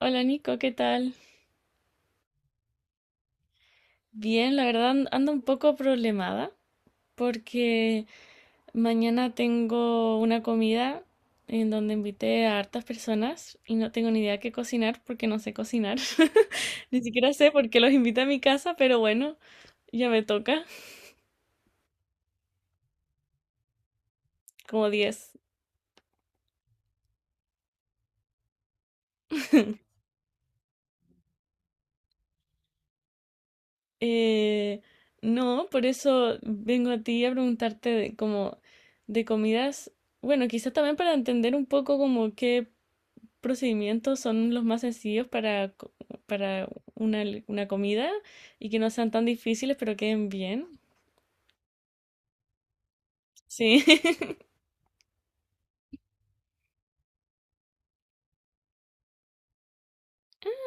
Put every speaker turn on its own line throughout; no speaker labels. Hola Nico, ¿qué tal? Bien, la verdad ando un poco problemada porque mañana tengo una comida en donde invité a hartas personas y no tengo ni idea qué cocinar porque no sé cocinar. Ni siquiera sé por qué los invité a mi casa, pero bueno, ya me toca, como diez. Eh, no, por eso vengo a ti a preguntarte de, como de comidas, bueno, quizás también para entender un poco como qué procedimientos son los más sencillos para, para una comida y que no sean tan difíciles, pero queden bien. Sí.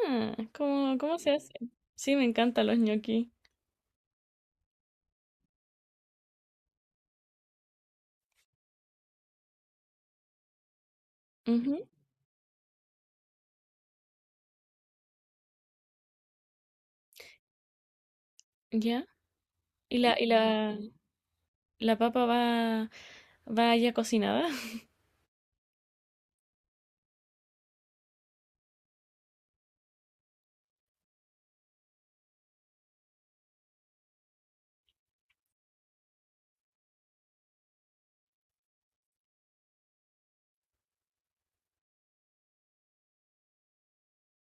Ah, ¿cómo, cómo se hace? Sí, me encantan los ñoqui. Ujú, ya. ¿Y la papa va, va ya cocinada?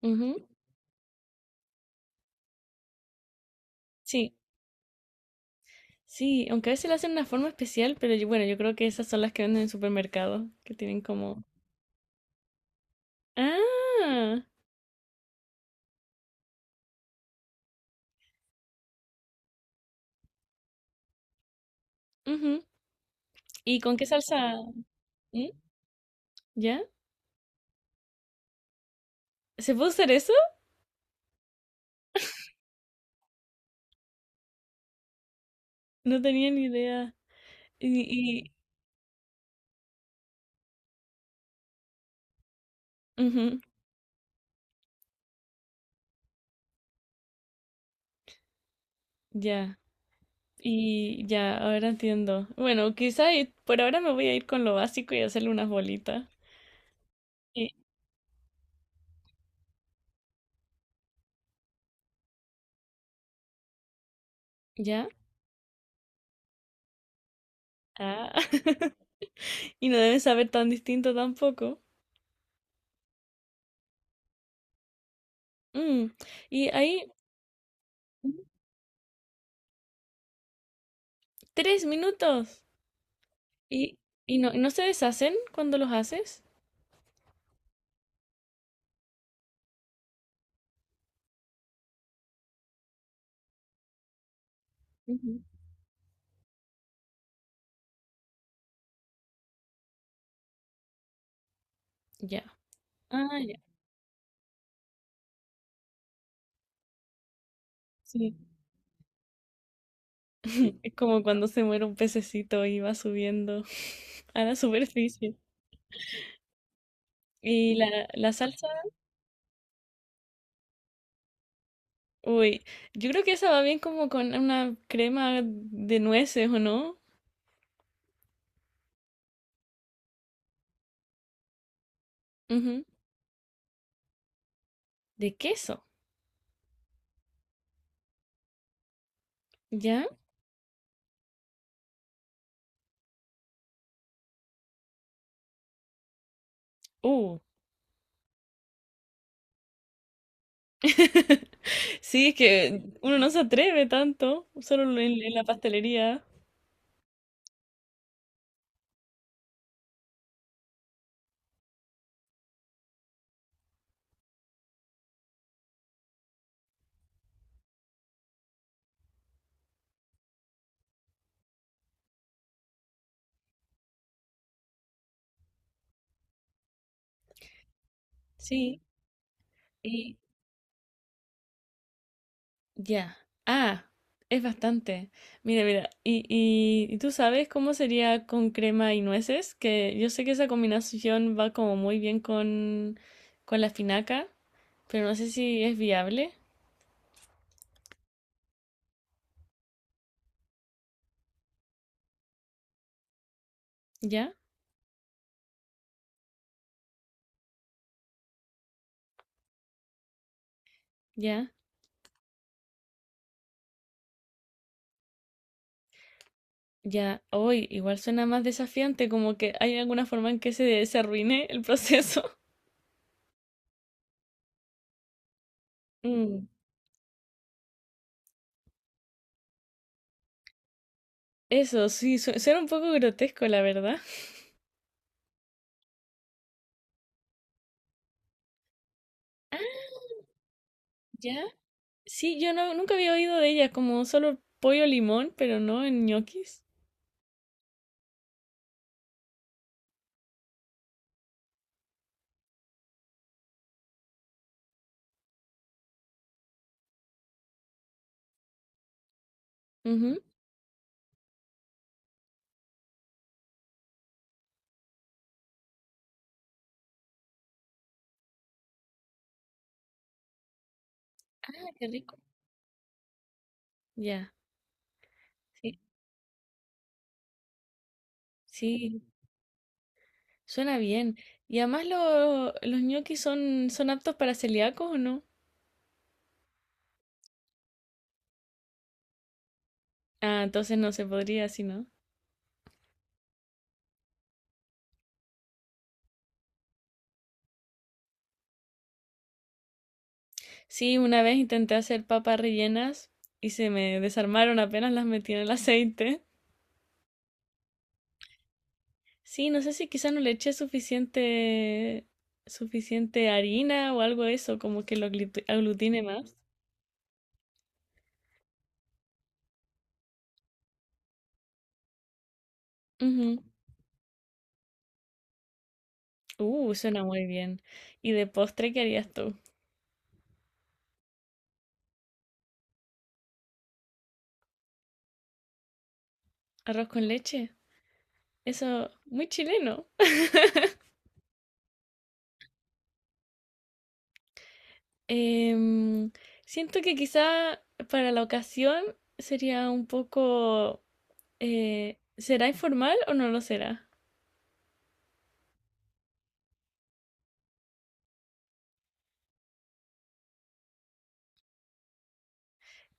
Ujú. Sí, sí, aunque a veces la hacen de una forma especial, pero bueno, yo creo que esas son las que venden en el supermercado, que tienen como... Ah, ujú. ¿Y con qué salsa? ¿Mm? ¿Ya? ¿Se puede usar eso? No tenía ni idea. Y, y- ujú, ya, y ya, ahora entiendo. Bueno, por ahora me voy a ir con lo básico y hacerle unas bolitas. Y ya, ah. Y no debe saber tan distinto tampoco. Mm. Y ahí, ujú, tres minutos. Y, y no, ¿no se deshacen cuando los haces? Ujú. Ya. Ah, ya. Sí. Es como cuando se muere un pececito y va subiendo a la superficie. Y la salsa. Uy, yo creo que esa va bien como con una crema de nueces, ¿o no? Ujú. De queso, ¿ya? Uh. Sí, es que uno no se atreve tanto, solo en la pastelería. Sí, y ya. Ah, es bastante. Mira, mira, ¿y tú sabes cómo sería con crema y nueces? Que yo sé que esa combinación va como muy bien con la finaca, pero no sé si es viable. ¿Ya? ¿Ya? Ya, hoy igual suena más desafiante, como que hay alguna forma en que se arruine el proceso. Mm. Eso, sí, suena un poco grotesco, la verdad. Ah. ¿Ya? Sí, yo no, nunca había oído de ella como solo pollo limón, pero no en ñoquis. Ujú. Ah, qué rico. Ya, sí, sí, suena bien. Y además los ñoquis son, son aptos para celíacos, ¿o no? Ah, entonces no se podría, si no. Sí, una vez intenté hacer papas rellenas y se me desarmaron apenas las metí en el aceite. Sí, no sé si quizás no le eché suficiente, suficiente harina o algo de eso, como que lo aglutine más. Ujú. Suena muy bien. ¿Y de postre qué harías tú? ¿Arroz con leche? Eso, muy chileno. Em, Siento que quizá para la ocasión sería un poco... ¿será informal o no lo será?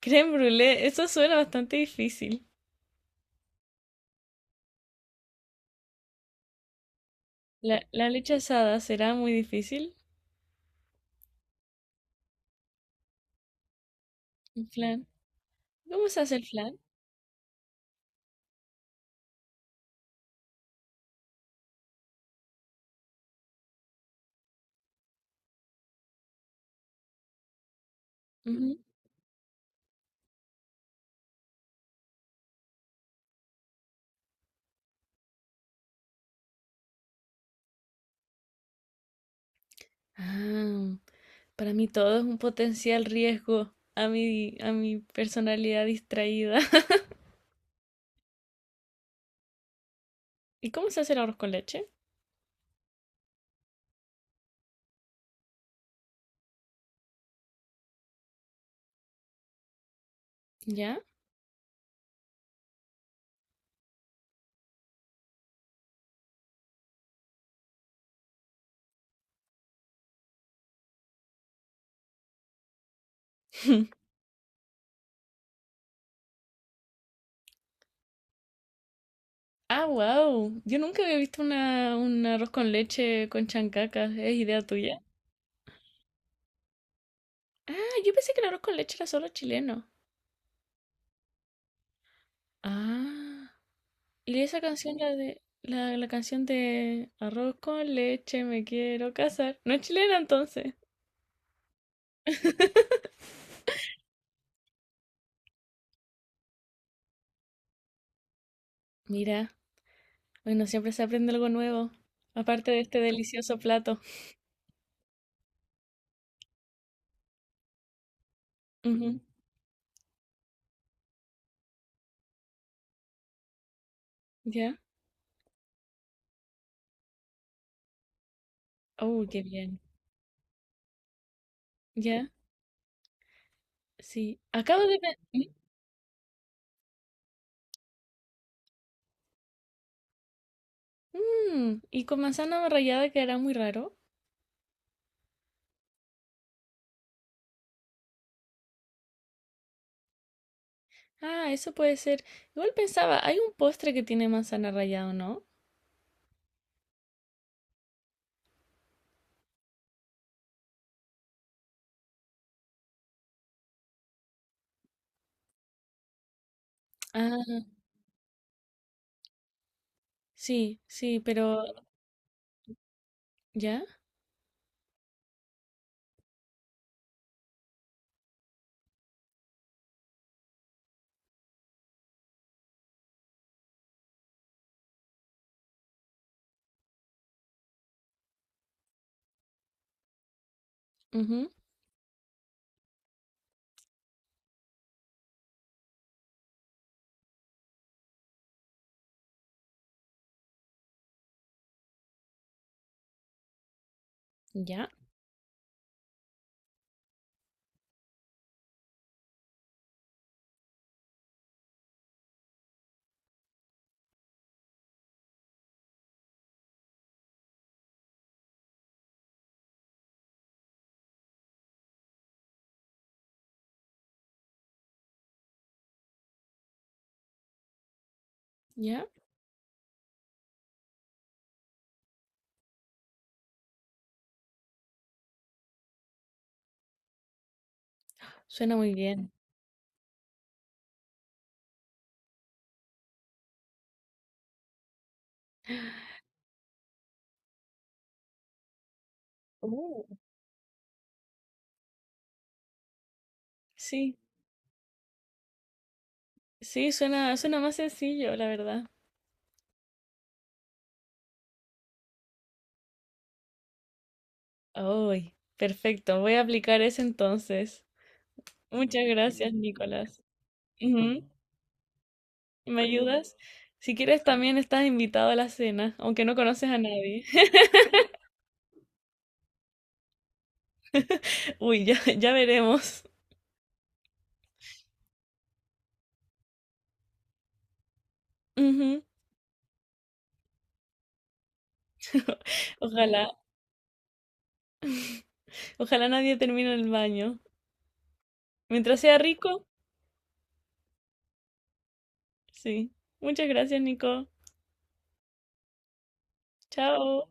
Creme brûlée, eso suena bastante difícil. La leche asada será muy difícil. El flan. ¿Cómo se hace el flan? Ujú. Ah, para mí todo es un potencial riesgo a a mi personalidad distraída. ¿Y cómo se hace el arroz con leche? ¿Ya? Ah, wow. Yo nunca había visto un arroz con leche con chancacas. ¿Es idea tuya? Ah, yo pensé que el arroz con leche era solo chileno. Ah. Y esa canción, la de la canción de Arroz con leche, me quiero casar. No es chilena entonces. Mira, bueno, siempre se aprende algo nuevo. Aparte de este delicioso plato. Ujú. ¿Ya? Oh, qué bien. ¿Ya? Sí. Acabo de... pe- Mm, mm, y con manzana rallada quedará muy raro. Ah, eso puede ser. Igual pensaba, hay un postre que tiene manzana rallada, ¿no? Ah, sí, sí, pero... ¿Ya? Ujú. ¿Ya? ¿Ya? Suena muy bien. Uh. Sí, sí, suena, suena más sencillo, la verdad. Ay, perfecto. Voy a aplicar ese entonces. Muchas gracias, Nicolás. Ujú. ¿Me ayudas? Si quieres, también estás invitado a la cena, aunque no conoces a nadie. Uy, ya, ya veremos. Ujú. Ojalá. Ojalá nadie termine en el baño. Mientras sea rico, sí. Muchas gracias, Nico. Chao.